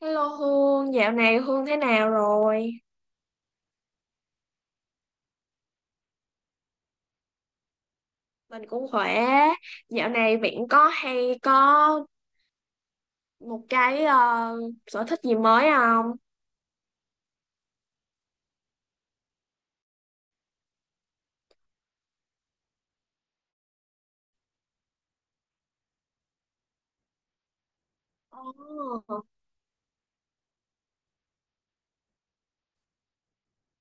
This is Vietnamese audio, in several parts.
Hello Hương, dạo này Hương thế nào rồi? Mình cũng khỏe. Dạo này bạn có hay có một cái sở thích gì mới không? Ồ,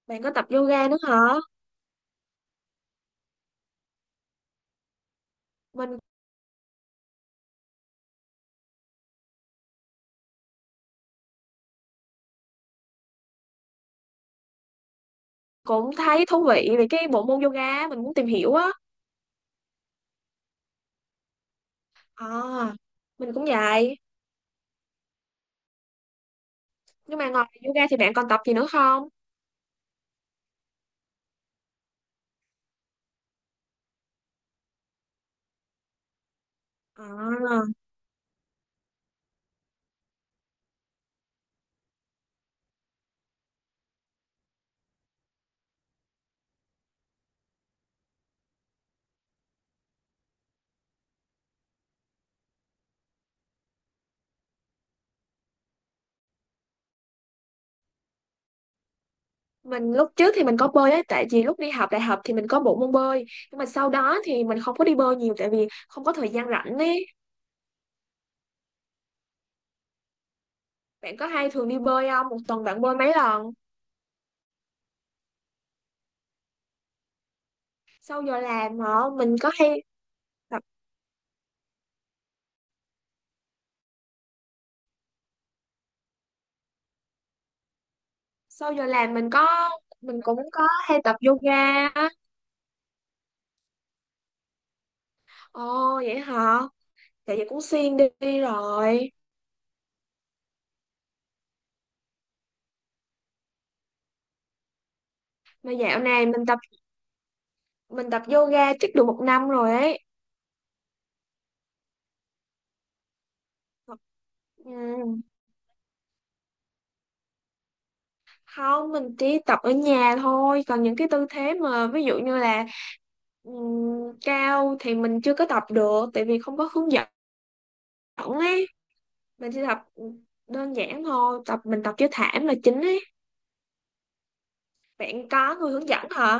bạn có tập yoga nữa hả? Mình cũng thấy thú vị về cái bộ môn yoga, mình muốn tìm hiểu á. À, mình cũng vậy. Nhưng mà ngoài yoga thì bạn còn tập gì nữa không? À, mình lúc trước thì mình có bơi ấy, tại vì lúc đi học đại học thì mình có bộ môn bơi. Nhưng mà sau đó thì mình không có đi bơi nhiều tại vì không có thời gian rảnh ấy. Bạn có hay thường đi bơi không? Một tuần bạn bơi mấy lần? Sau giờ làm hả? Mình có hay tập sau giờ làm mình có mình cũng có hay tập yoga á. Ồ vậy hả? Tại vậy cũng xuyên đi, đi rồi. Mà dạo này mình tập yoga chắc được một năm rồi ấy. Ừ. Không, mình chỉ tập ở nhà thôi. Còn những cái tư thế mà ví dụ như là cao thì mình chưa có tập được tại vì không có hướng dẫn ấy. Mình chỉ tập đơn giản thôi, mình tập với thảm là chính ấy. Bạn có người hướng dẫn hả?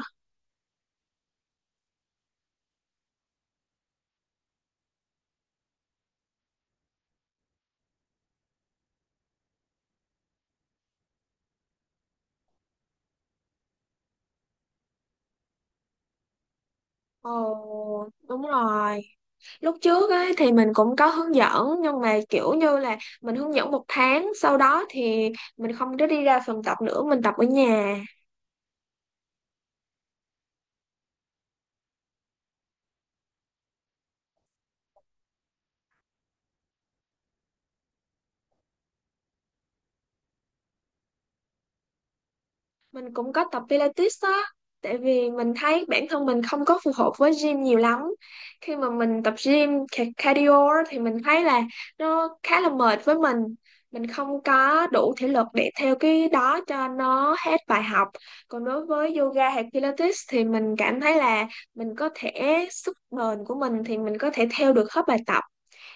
Ồ, đúng rồi. Lúc trước ấy thì mình cũng có hướng dẫn, nhưng mà kiểu như là mình hướng dẫn một tháng, sau đó thì mình không có đi ra phòng tập nữa, mình tập ở nhà. Mình cũng có tập Pilates á, tại vì mình thấy bản thân mình không có phù hợp với gym nhiều lắm. Khi mà mình tập gym cardio á, thì mình thấy là nó khá là mệt với mình không có đủ thể lực để theo cái đó cho nó hết bài học. Còn đối với yoga hay Pilates thì mình cảm thấy là mình có thể, sức bền của mình thì mình có thể theo được hết bài tập.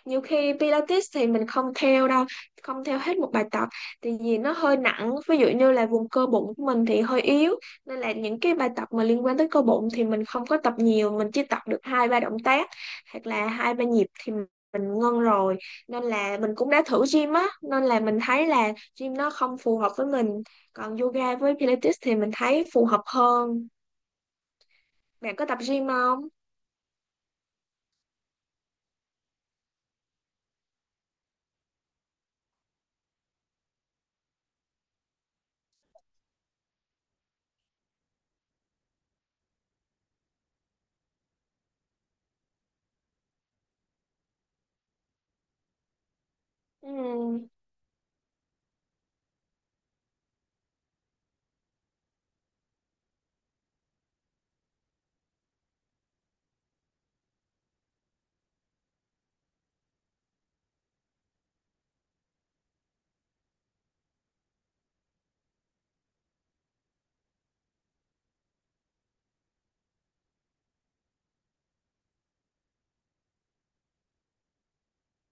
Nhiều khi Pilates thì mình không theo đâu, không theo hết một bài tập, tại vì nó hơi nặng. Ví dụ như là vùng cơ bụng của mình thì hơi yếu, nên là những cái bài tập mà liên quan tới cơ bụng thì mình không có tập nhiều, mình chỉ tập được hai ba động tác hoặc là hai ba nhịp thì mình ngưng rồi. Nên là mình cũng đã thử gym á, nên là mình thấy là gym nó không phù hợp với mình, còn yoga với Pilates thì mình thấy phù hợp hơn. Bạn có tập gym không? Ừm.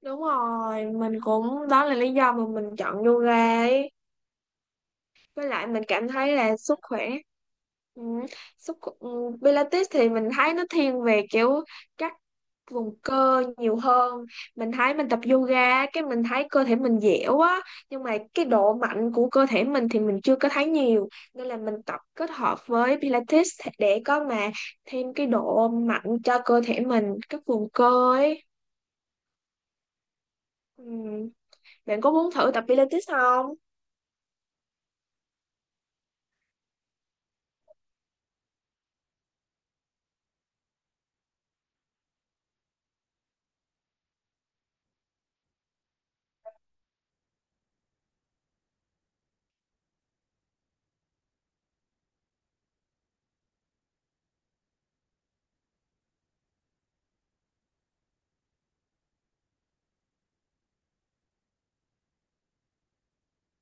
Đúng rồi, mình cũng, đó là lý do mà mình chọn yoga ấy. Với lại mình cảm thấy là ừ, Pilates thì mình thấy nó thiên về kiểu các vùng cơ nhiều hơn. Mình thấy mình tập yoga cái mình thấy cơ thể mình dẻo á, nhưng mà cái độ mạnh của cơ thể mình thì mình chưa có thấy nhiều, nên là mình tập kết hợp với Pilates để có mà thêm cái độ mạnh cho cơ thể mình, các vùng cơ ấy. Ừ. Bạn có muốn thử tập Pilates không?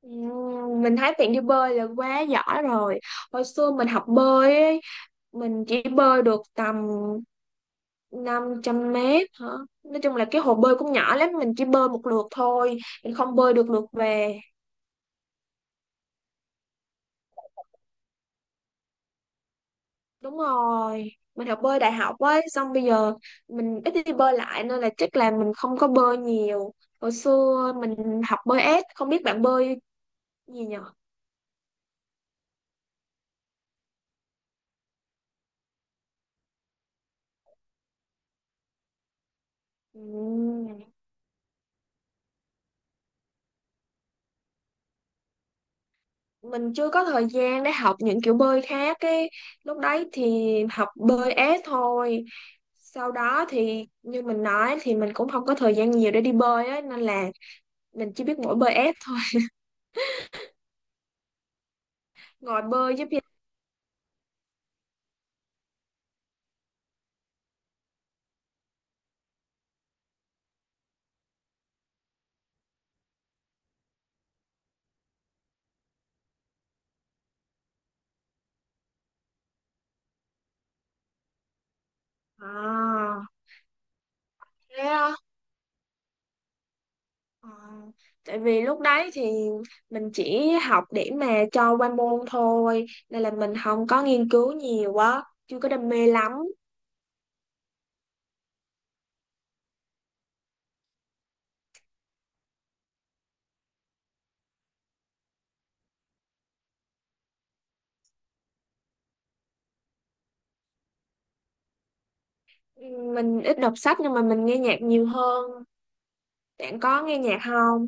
Mình thấy bạn đi bơi là quá giỏi rồi. Hồi xưa mình học bơi ấy, mình chỉ bơi được tầm 500 mét hả? Nói chung là cái hồ bơi cũng nhỏ lắm, mình chỉ bơi một lượt thôi, mình không bơi được lượt về. Đúng rồi, mình học bơi đại học ấy, xong bây giờ mình ít đi bơi lại nên là chắc là mình không có bơi nhiều. Hồi xưa mình học bơi ép, không biết bạn bơi gì nhở? Ừm. Mình chưa có thời gian để học những kiểu bơi khác ấy, lúc đấy thì học bơi ép thôi, sau đó thì như mình nói thì mình cũng không có thời gian nhiều để đi bơi ấy, nên là mình chỉ biết mỗi bơi ép thôi. Ngồi bơi giúp gì? À, thế á? À, tại vì lúc đấy thì mình chỉ học để mà cho qua môn thôi, nên là mình không có nghiên cứu nhiều quá, chưa có đam mê lắm. Mình ít đọc sách, nhưng mà mình nghe nhạc nhiều hơn. Bạn có nghe nhạc không?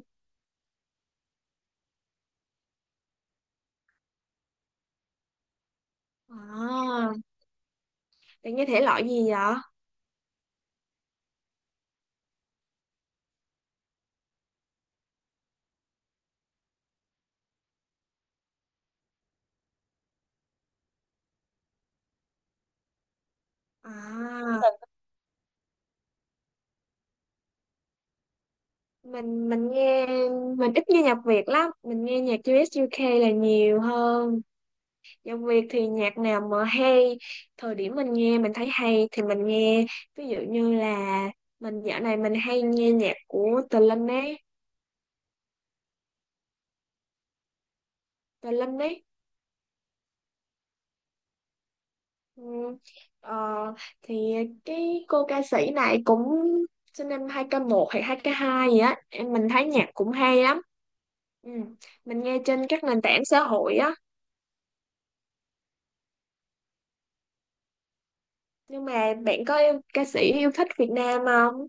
À, bạn nghe thể loại gì vậy? À, mình nghe, mình ít nghe nhạc Việt lắm, mình nghe nhạc US UK là nhiều hơn. Nhạc Việt thì nhạc nào mà hay, thời điểm mình nghe mình thấy hay thì mình nghe. Ví dụ như là dạo này mình hay nghe nhạc của Tờ Linh ấy, Tờ Linh ấy. Ừ. Ờ, thì cái cô ca sĩ này cũng sinh năm 2001 hay 2002 gì á, em mình thấy nhạc cũng hay lắm. Ừ. Mình nghe trên các nền tảng xã hội á, nhưng mà bạn có yêu, ca sĩ yêu thích Việt Nam không?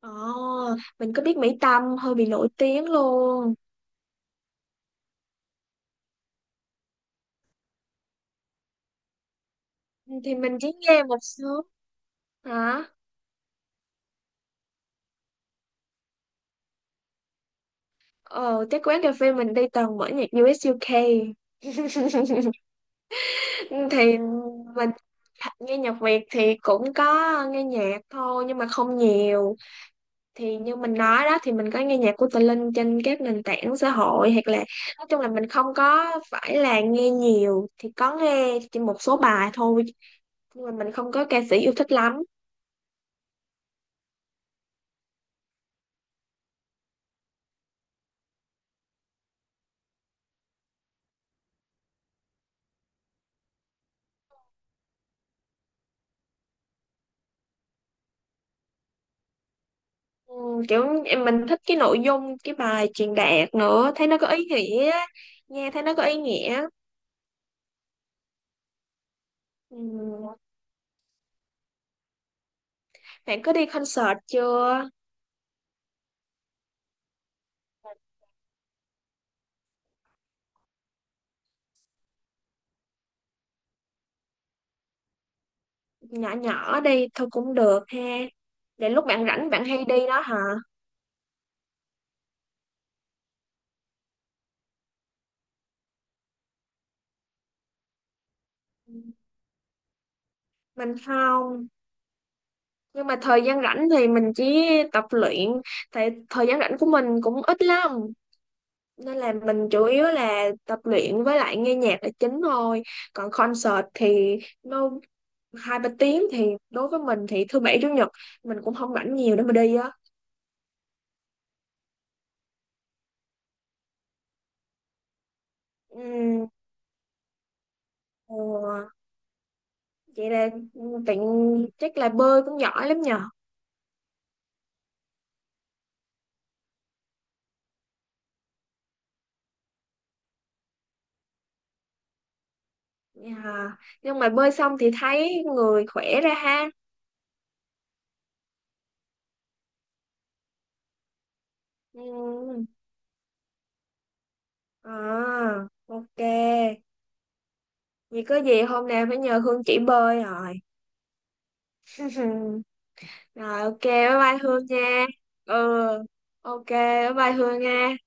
Ồ, mình có biết Mỹ Tâm hơi bị nổi tiếng luôn. Ừ, thì mình chỉ nghe một số hả? Ờ, cái quán cà phê mình đi toàn mở nhạc US UK. Thì mình nghe nhạc Việt thì cũng có nghe nhạc thôi nhưng mà không nhiều. Thì như mình nói đó thì mình có nghe nhạc của Tự Linh trên các nền tảng xã hội, hoặc là nói chung là mình không có phải là nghe nhiều, thì có nghe chỉ một số bài thôi, nhưng mà mình không có ca sĩ yêu thích lắm. Ừ, mình thích cái nội dung cái bài truyền đạt nữa, thấy nó có ý nghĩa, nghe thấy nó có ý nghĩa. Ừ. Bạn có đi concert chưa? Nhỏ nhỏ đi thôi cũng được ha, để lúc bạn rảnh bạn hay đi đó hả? Ừ, mình không, nhưng mà thời gian rảnh thì mình chỉ tập luyện, tại thời gian rảnh của mình cũng ít lắm, nên là mình chủ yếu là tập luyện với lại nghe nhạc là chính thôi. Còn concert thì nó hai ba tiếng thì đối với mình thì thứ bảy chủ nhật mình cũng không rảnh nhiều để mà đi á. Ừm, ờ, vậy là tiện, chắc là bơi cũng giỏi lắm nhờ. Dạ. Nhưng mà bơi xong thì thấy người khỏe ra ha? Ừm, à ok. Vì có gì hôm nào phải nhờ Hương chỉ bơi rồi. Rồi, ok, bye bye Hương nha. Ừ, ok bye bye Hương nha.